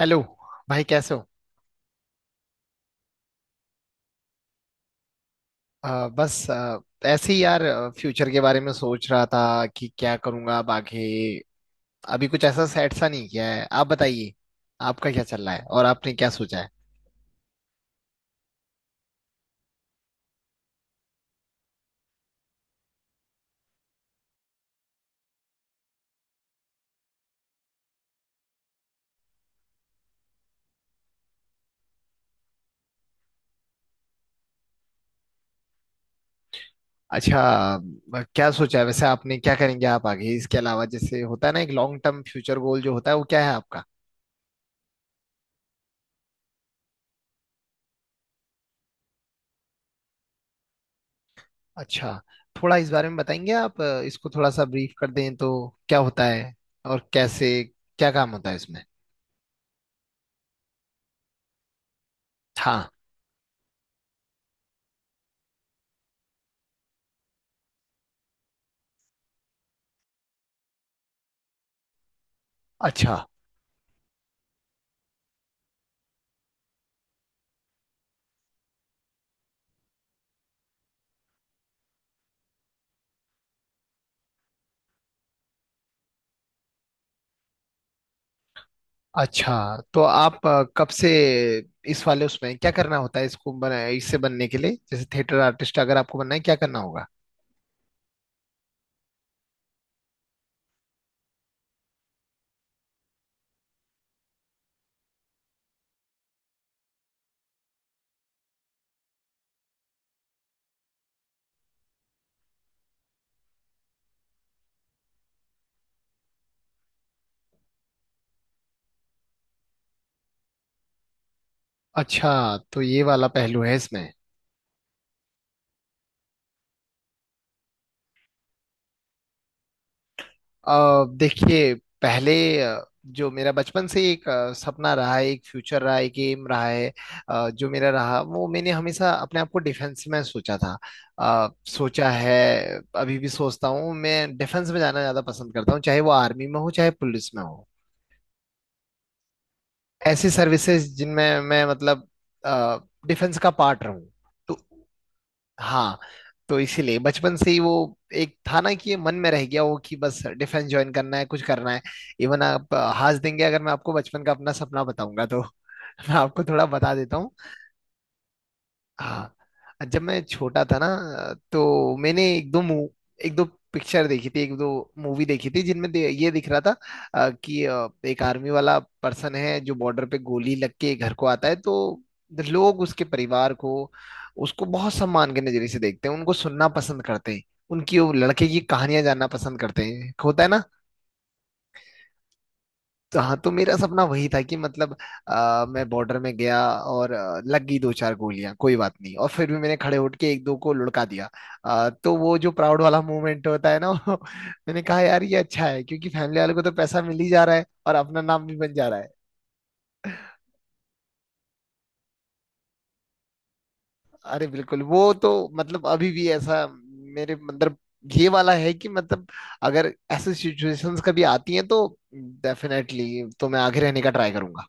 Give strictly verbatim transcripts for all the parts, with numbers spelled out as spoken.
Hello. भाई कैसे हो? अ, बस अ, ऐसे ही यार, फ्यूचर के बारे में सोच रहा था कि क्या करूंगा अब आगे। अभी कुछ ऐसा सेट सा नहीं किया है। आप बताइए, आपका क्या चल रहा है और आपने क्या सोचा है? अच्छा। अ, क्या सोचा है वैसे, आपने क्या करेंगे आप आगे इसके अलावा? जैसे होता है ना, एक लॉन्ग टर्म फ्यूचर गोल जो होता है, वो क्या है आपका? अच्छा। थोड़ा इस बारे में बताएंगे आप? अ, इसको थोड़ा सा ब्रीफ कर दें तो क्या होता है और कैसे? क्या काम होता है इसमें? हाँ। अच्छा। अच्छा तो आप अ, कब से इस वाले उसमें क्या करना होता है, इसको बना, इससे बनने के लिए, जैसे थिएटर आर्टिस्ट अगर आपको बनना है, क्या करना होगा? अच्छा तो ये वाला पहलू है इसमें? अ, देखिए, पहले अ, जो मेरा बचपन से एक अ, सपना रहा है, एक फ्यूचर रहा है, एक एम रहा है, अ, जो मेरा रहा, वो मैंने हमेशा अपने आप को डिफेंस में सोचा था। अ, सोचा है। अभी भी सोचता हूँ, मैं डिफेंस में जाना ज्यादा पसंद करता हूँ, चाहे वो आर्मी में हो चाहे पुलिस में हो। ऐसी सर्विसेज जिनमें मैं मतलब डिफेंस का पार्ट रहूं। तो हाँ, तो इसीलिए बचपन से ही वो एक था ना, कि ये मन में रह गया वो, कि बस डिफेंस ज्वाइन करना है, कुछ करना है। इवन आप अ, हंस देंगे अगर मैं आपको बचपन का अपना सपना बताऊंगा तो मैं आपको थोड़ा बता देता हूँ। हाँ, जब मैं छोटा था ना, तो मैंने एक दो मू एक दो पिक्चर देखी थी, एक दो मूवी देखी थी जिनमें दे, ये दिख रहा था अ, कि अ, एक आर्मी वाला पर्सन है जो बॉर्डर पे गोली लग के घर को आता है, तो लोग उसके परिवार को, उसको बहुत सम्मान के नजरिए से देखते हैं, उनको सुनना पसंद करते हैं, उनकी वो लड़के की कहानियां जानना पसंद करते हैं, होता है ना। तो हाँ, तो मेरा सपना वही था कि मतलब अ, मैं बॉर्डर में गया और अ, लग गई दो चार गोलियां, कोई बात नहीं, और फिर भी मैंने खड़े उठ के एक दो को लुढ़का दिया। अ, तो वो जो प्राउड वाला मोमेंट होता है ना वो, मैंने कहा यार ये अच्छा है क्योंकि फैमिली वालों को तो पैसा मिल ही जा रहा है और अपना नाम भी बन जा रहा है। अरे बिल्कुल, वो तो मतलब अभी भी ऐसा, मेरे अंदर ये वाला है कि मतलब अगर ऐसे सिचुएशंस कभी आती हैं तो डेफिनेटली, तो मैं आगे रहने का ट्राई करूंगा।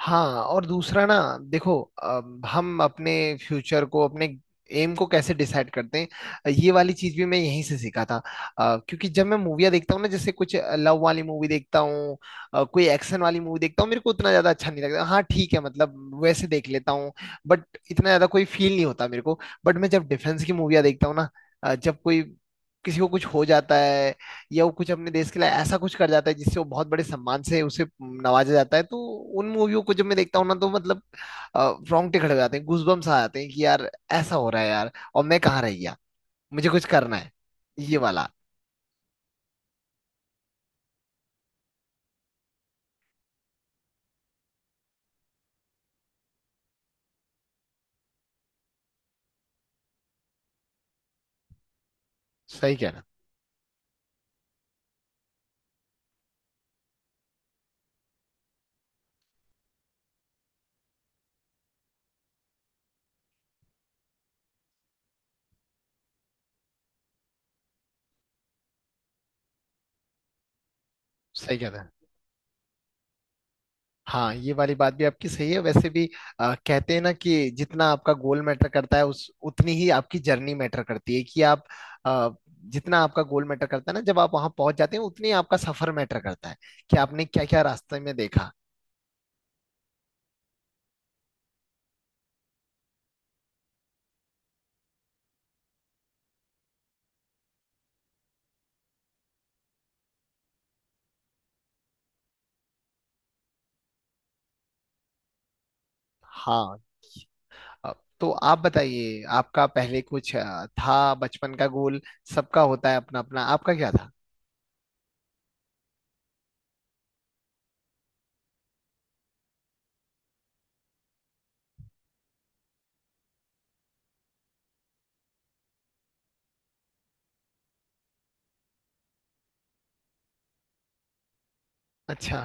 हाँ और दूसरा ना, देखो अम, हम अपने फ्यूचर को, अपने एम को कैसे डिसाइड करते हैं, ये वाली चीज भी मैं यहीं से सीखा था। अ, क्योंकि जब मैं मूवियाँ देखता हूँ ना, जैसे कुछ लव वाली मूवी देखता हूँ, अ, कोई एक्शन वाली मूवी देखता हूँ, मेरे को उतना ज्यादा अच्छा नहीं लगता। हाँ ठीक है, मतलब वैसे देख लेता हूँ, बट इतना ज्यादा कोई फील नहीं होता मेरे को। बट मैं जब डिफेंस की मूवियाँ देखता हूँ ना, अ, जब कोई किसी को कुछ हो जाता है या वो कुछ अपने देश के लिए ऐसा कुछ कर जाता है जिससे वो बहुत बड़े सम्मान से उसे नवाजा जाता है, तो उन मूवियों को जब मैं देखता हूँ ना, तो मतलब अ, रोंगटे खड़े हो जाते हैं, गूजबम्स आ जाते हैं कि यार ऐसा हो रहा है यार, और मैं कहाँ रह गया, मुझे कुछ करना है, ये वाला। सही कहना। सही कहना है। हाँ, ये वाली बात भी आपकी सही है। वैसे भी अ, कहते हैं ना कि जितना आपका गोल मैटर करता है उस उतनी ही आपकी जर्नी मैटर करती है, कि आप अ, जितना आपका गोल मैटर करता है ना, जब आप वहां पहुंच जाते हैं, उतनी आपका सफर मैटर करता है, कि आपने क्या क्या रास्ते में देखा। हाँ। अ, तो आप बताइए, आपका पहले कुछ अ, था बचपन का गोल? सबका होता है अपना अपना, आपका क्या था? अच्छा।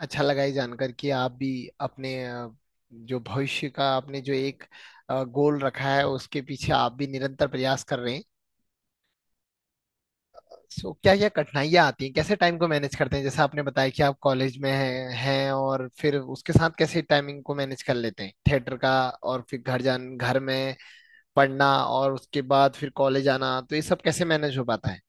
अच्छा लगा ये जानकर कि आप भी अपने अ, जो भविष्य का आपने जो एक अ, गोल रखा है, उसके पीछे आप भी निरंतर प्रयास कर रहे हैं। सो क्या क्या कठिनाइयाँ आती हैं, कैसे टाइम को मैनेज करते हैं? जैसे आपने बताया कि आप कॉलेज में हैं हैं, और फिर उसके साथ कैसे टाइमिंग को मैनेज कर लेते हैं थिएटर का, और फिर घर जान घर में पढ़ना और उसके बाद फिर कॉलेज आना, तो ये सब कैसे मैनेज हो पाता है?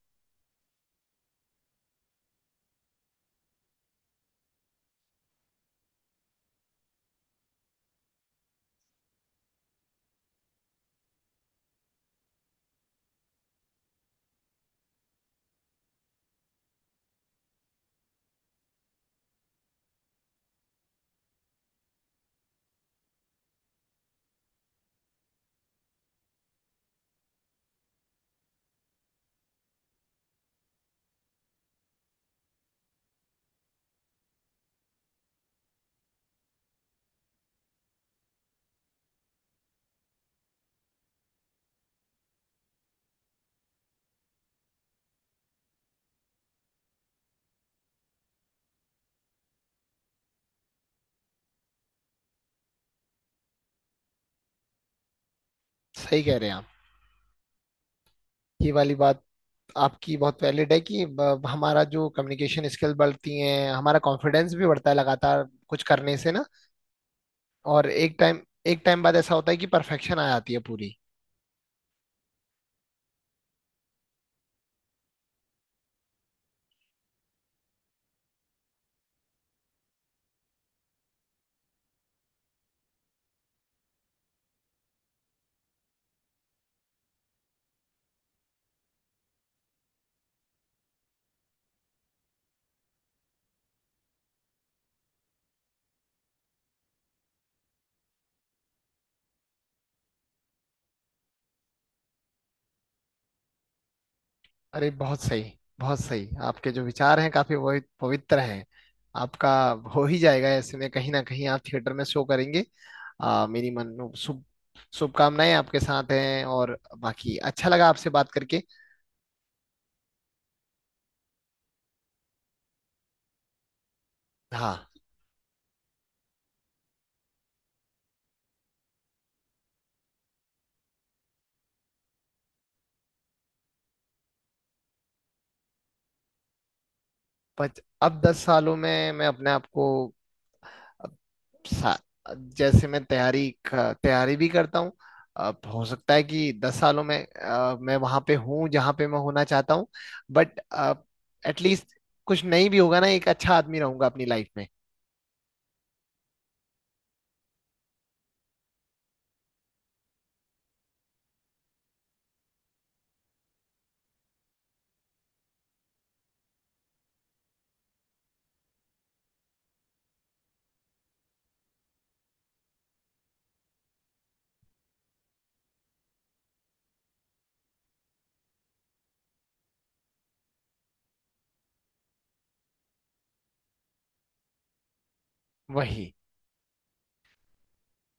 सही कह रहे हैं आप। ये वाली बात आपकी बहुत वैलिड है कि ब- हमारा जो कम्युनिकेशन स्किल बढ़ती है, हमारा कॉन्फिडेंस भी बढ़ता है लगातार कुछ करने से ना। और एक टाइम एक टाइम बाद ऐसा होता है कि परफेक्शन आ जाती है पूरी। अरे बहुत सही, बहुत सही। आपके जो विचार हैं काफी, वो पवित्र हैं। आपका हो ही जाएगा, ऐसे में कहीं ना कहीं आप थिएटर में शो करेंगे। आ, मेरी मन शुभ, शुभकामनाएं आपके साथ हैं, और बाकी अच्छा लगा आपसे बात करके। हाँ। पच, अब दस सालों में मैं अपने आप को सा- जैसे मैं तैयारी क- तैयारी भी करता हूँ। अब हो सकता है कि दस सालों में अ, मैं वहां पे हूँ जहाँ पे मैं होना चाहता हूँ, बट एटलीस्ट कुछ नहीं भी होगा ना, एक अच्छा आदमी रहूंगा अपनी लाइफ में। वही।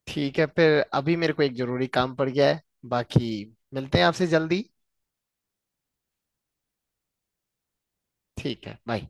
ठीक है, फिर अभी मेरे को एक जरूरी काम पड़ गया है, बाकी मिलते हैं आपसे जल्दी। ठीक है, बाय।